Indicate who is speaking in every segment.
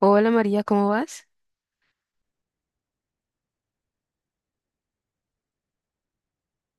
Speaker 1: Hola María, ¿cómo vas?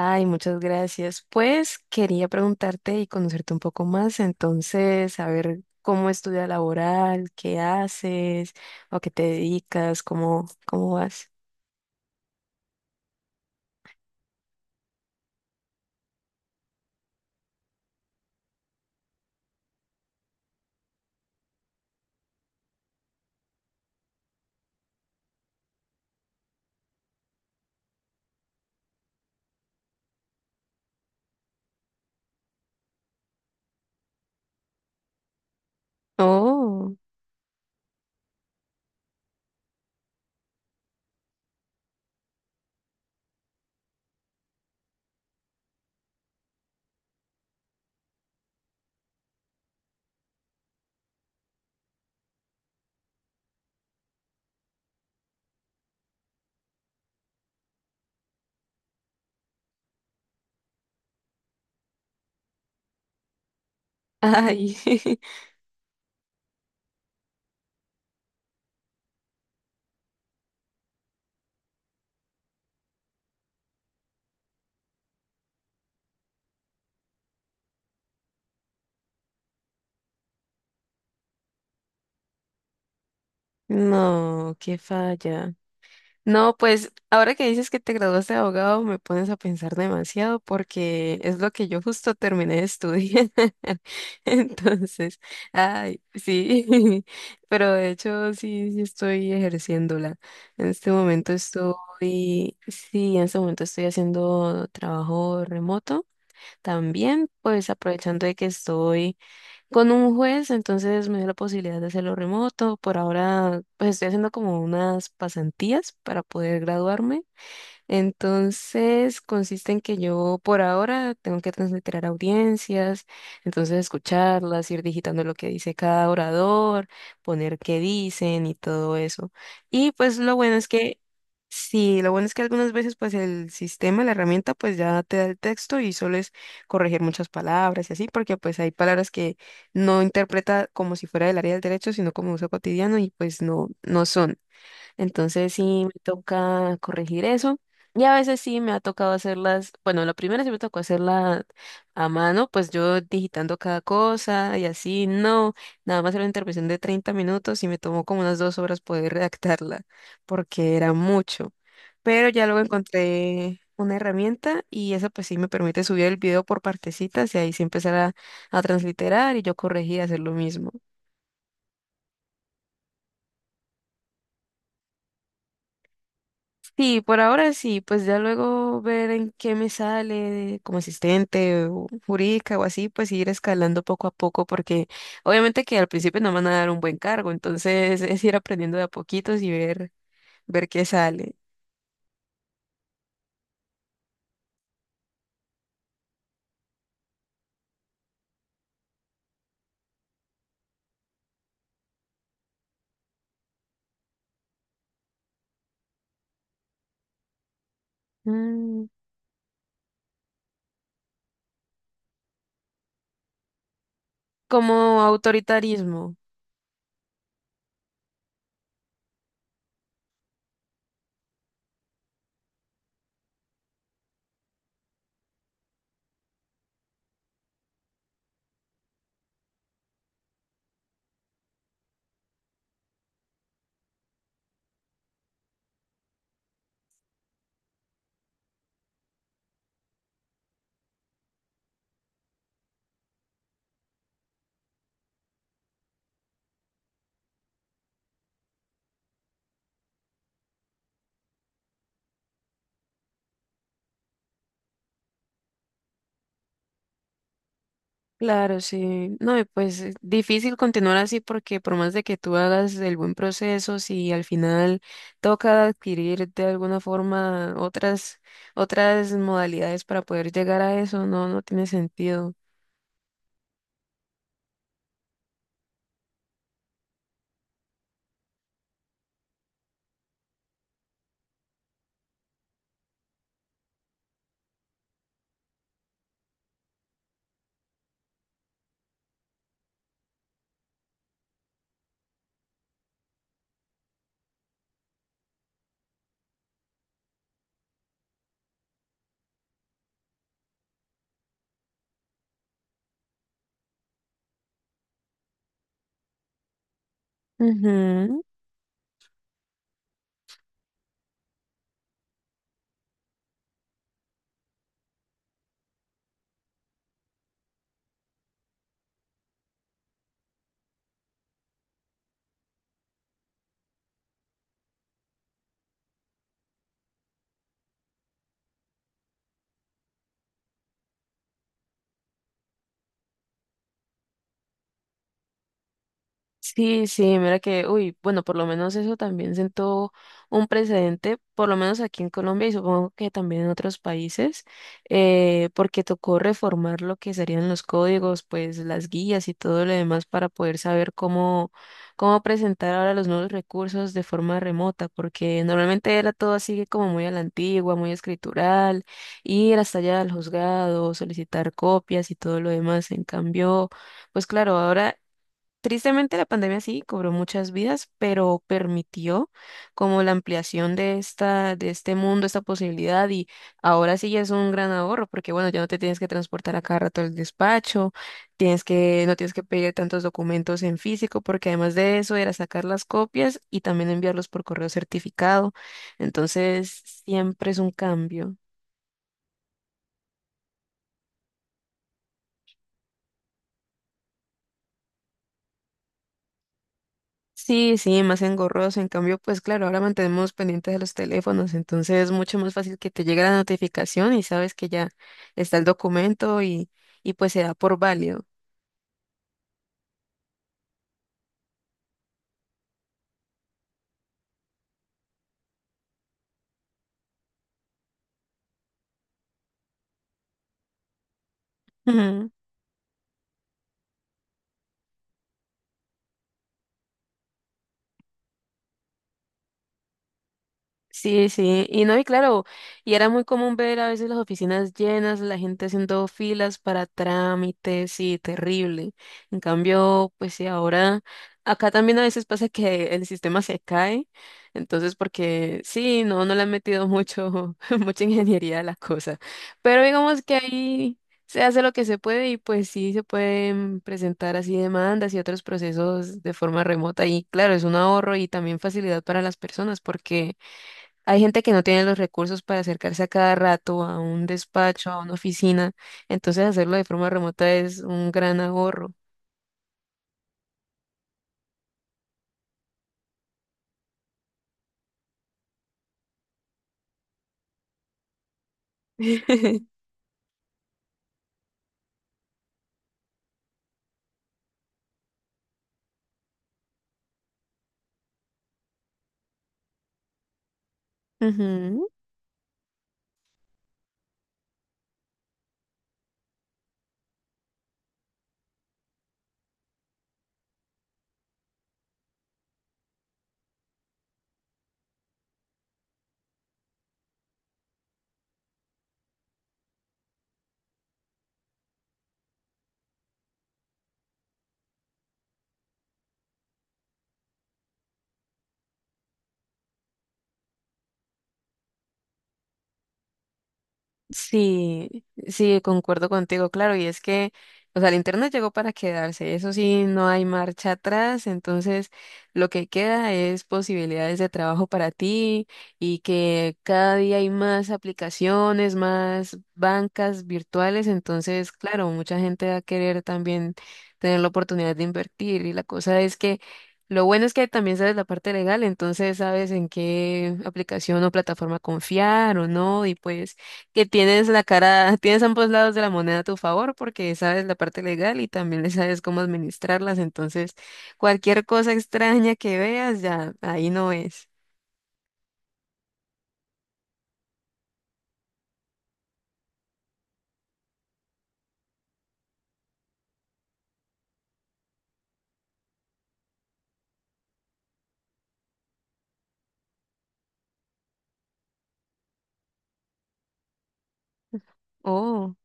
Speaker 1: Ay, muchas gracias. Pues quería preguntarte y conocerte un poco más, entonces, saber cómo es tu vida laboral, qué haces, o a qué te dedicas, cómo vas. Oh, ay, no, qué falla. No, pues ahora que dices que te graduaste de abogado, me pones a pensar demasiado porque es lo que yo justo terminé de estudiar. Entonces, ay, sí, pero de hecho sí, sí estoy ejerciéndola. En este momento estoy haciendo trabajo remoto. También, pues aprovechando de que estoy con un juez, entonces me dio la posibilidad de hacerlo remoto. Por ahora, pues estoy haciendo como unas pasantías para poder graduarme. Entonces, consiste en que yo por ahora tengo que transliterar audiencias, entonces escucharlas, ir digitando lo que dice cada orador, poner qué dicen y todo eso. Y pues lo bueno es que sí, lo bueno es que algunas veces pues el sistema, la herramienta pues ya te da el texto y solo es corregir muchas palabras y así, porque pues hay palabras que no interpreta como si fuera del área del derecho, sino como uso cotidiano y pues no, no son. Entonces sí me toca corregir eso. Y a veces sí me ha tocado hacerlas, bueno, la primera sí me tocó hacerla a mano, pues yo digitando cada cosa y así, no, nada más era una intervención de 30 minutos y me tomó como unas 2 horas poder redactarla, porque era mucho. Pero ya luego encontré una herramienta y esa pues sí me permite subir el video por partecitas y ahí sí empezar a transliterar y yo corregir y hacer lo mismo. Sí, por ahora sí, pues ya luego ver en qué me sale como asistente o jurídica o así, pues ir escalando poco a poco, porque obviamente que al principio no me van a dar un buen cargo, entonces es ir aprendiendo de a poquitos y ver, ver qué sale. Mm, como autoritarismo. Claro, sí. No, y pues difícil continuar así porque por más de que tú hagas el buen proceso, si al final toca adquirir de alguna forma otras modalidades para poder llegar a eso, no, no tiene sentido. Ujú. Sí, sí, mira que, uy, bueno, por lo menos eso también sentó un precedente, por lo menos aquí en Colombia y supongo que también en otros países, porque tocó reformar lo que serían los códigos, pues las guías y todo lo demás para poder saber cómo, cómo presentar ahora los nuevos recursos de forma remota, porque normalmente era todo así como muy a la antigua, muy escritural, ir hasta allá al juzgado, solicitar copias y todo lo demás. En cambio, pues claro, ahora tristemente, la pandemia sí cobró muchas vidas, pero permitió como la ampliación de esta, de este mundo, esta posibilidad, y ahora sí ya es un gran ahorro, porque bueno, ya no te tienes que transportar a cada rato al despacho, no tienes que pedir tantos documentos en físico, porque además de eso era sacar las copias y también enviarlos por correo certificado. Entonces, siempre es un cambio. Sí, sí, más engorroso. En cambio, pues claro, ahora mantenemos pendientes de los teléfonos, entonces es mucho más fácil que te llegue la notificación y sabes que ya está el documento y pues se da por válido. Sí, sí, y no, y claro, y era muy común ver a veces las oficinas llenas, la gente haciendo filas para trámites y terrible. En cambio, pues sí, ahora acá también a veces pasa que el sistema se cae, entonces porque sí, no, no le han metido mucho, mucha ingeniería a la cosa, pero digamos que ahí se hace lo que se puede y pues sí se pueden presentar así demandas y otros procesos de forma remota y claro, es un ahorro y también facilidad para las personas porque hay gente que no tiene los recursos para acercarse a cada rato a un despacho, a una oficina, entonces hacerlo de forma remota es un gran ahorro. Ujú. Sí, sí, concuerdo contigo, claro, y es que, o sea, el internet llegó para quedarse, eso sí, no hay marcha atrás, entonces lo que queda es posibilidades de trabajo para ti y que cada día hay más aplicaciones, más bancas virtuales, entonces, claro, mucha gente va a querer también tener la oportunidad de invertir y la cosa es que lo bueno es que también sabes la parte legal, entonces sabes en qué aplicación o plataforma confiar o no, y pues que tienes la cara, tienes ambos lados de la moneda a tu favor porque sabes la parte legal y también le sabes cómo administrarlas. Entonces, cualquier cosa extraña que veas, ya ahí no es. Oh.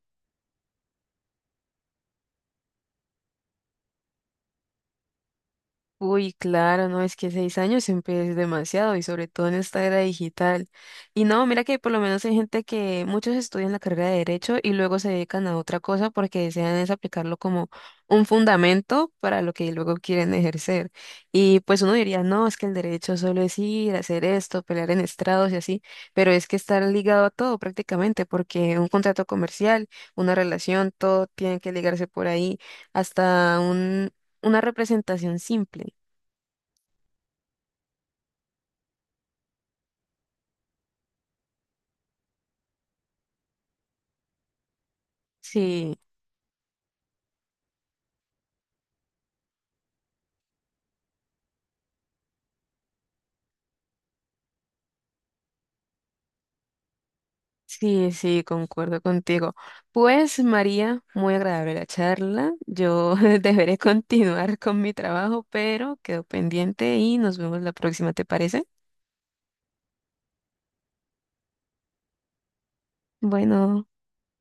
Speaker 1: Uy, claro, no, es que 6 años siempre es demasiado y sobre todo en esta era digital. Y no, mira que por lo menos hay gente que muchos estudian la carrera de derecho y luego se dedican a otra cosa porque desean es aplicarlo como un fundamento para lo que luego quieren ejercer. Y pues uno diría, no, es que el derecho solo es ir, hacer esto, pelear en estrados y así, pero es que estar ligado a todo prácticamente porque un contrato comercial, una relación, todo tiene que ligarse por ahí, hasta un... una representación simple. Sí, sí, concuerdo contigo. Pues María, muy agradable la charla. Yo deberé continuar con mi trabajo, pero quedo pendiente y nos vemos la próxima, ¿te parece? Bueno.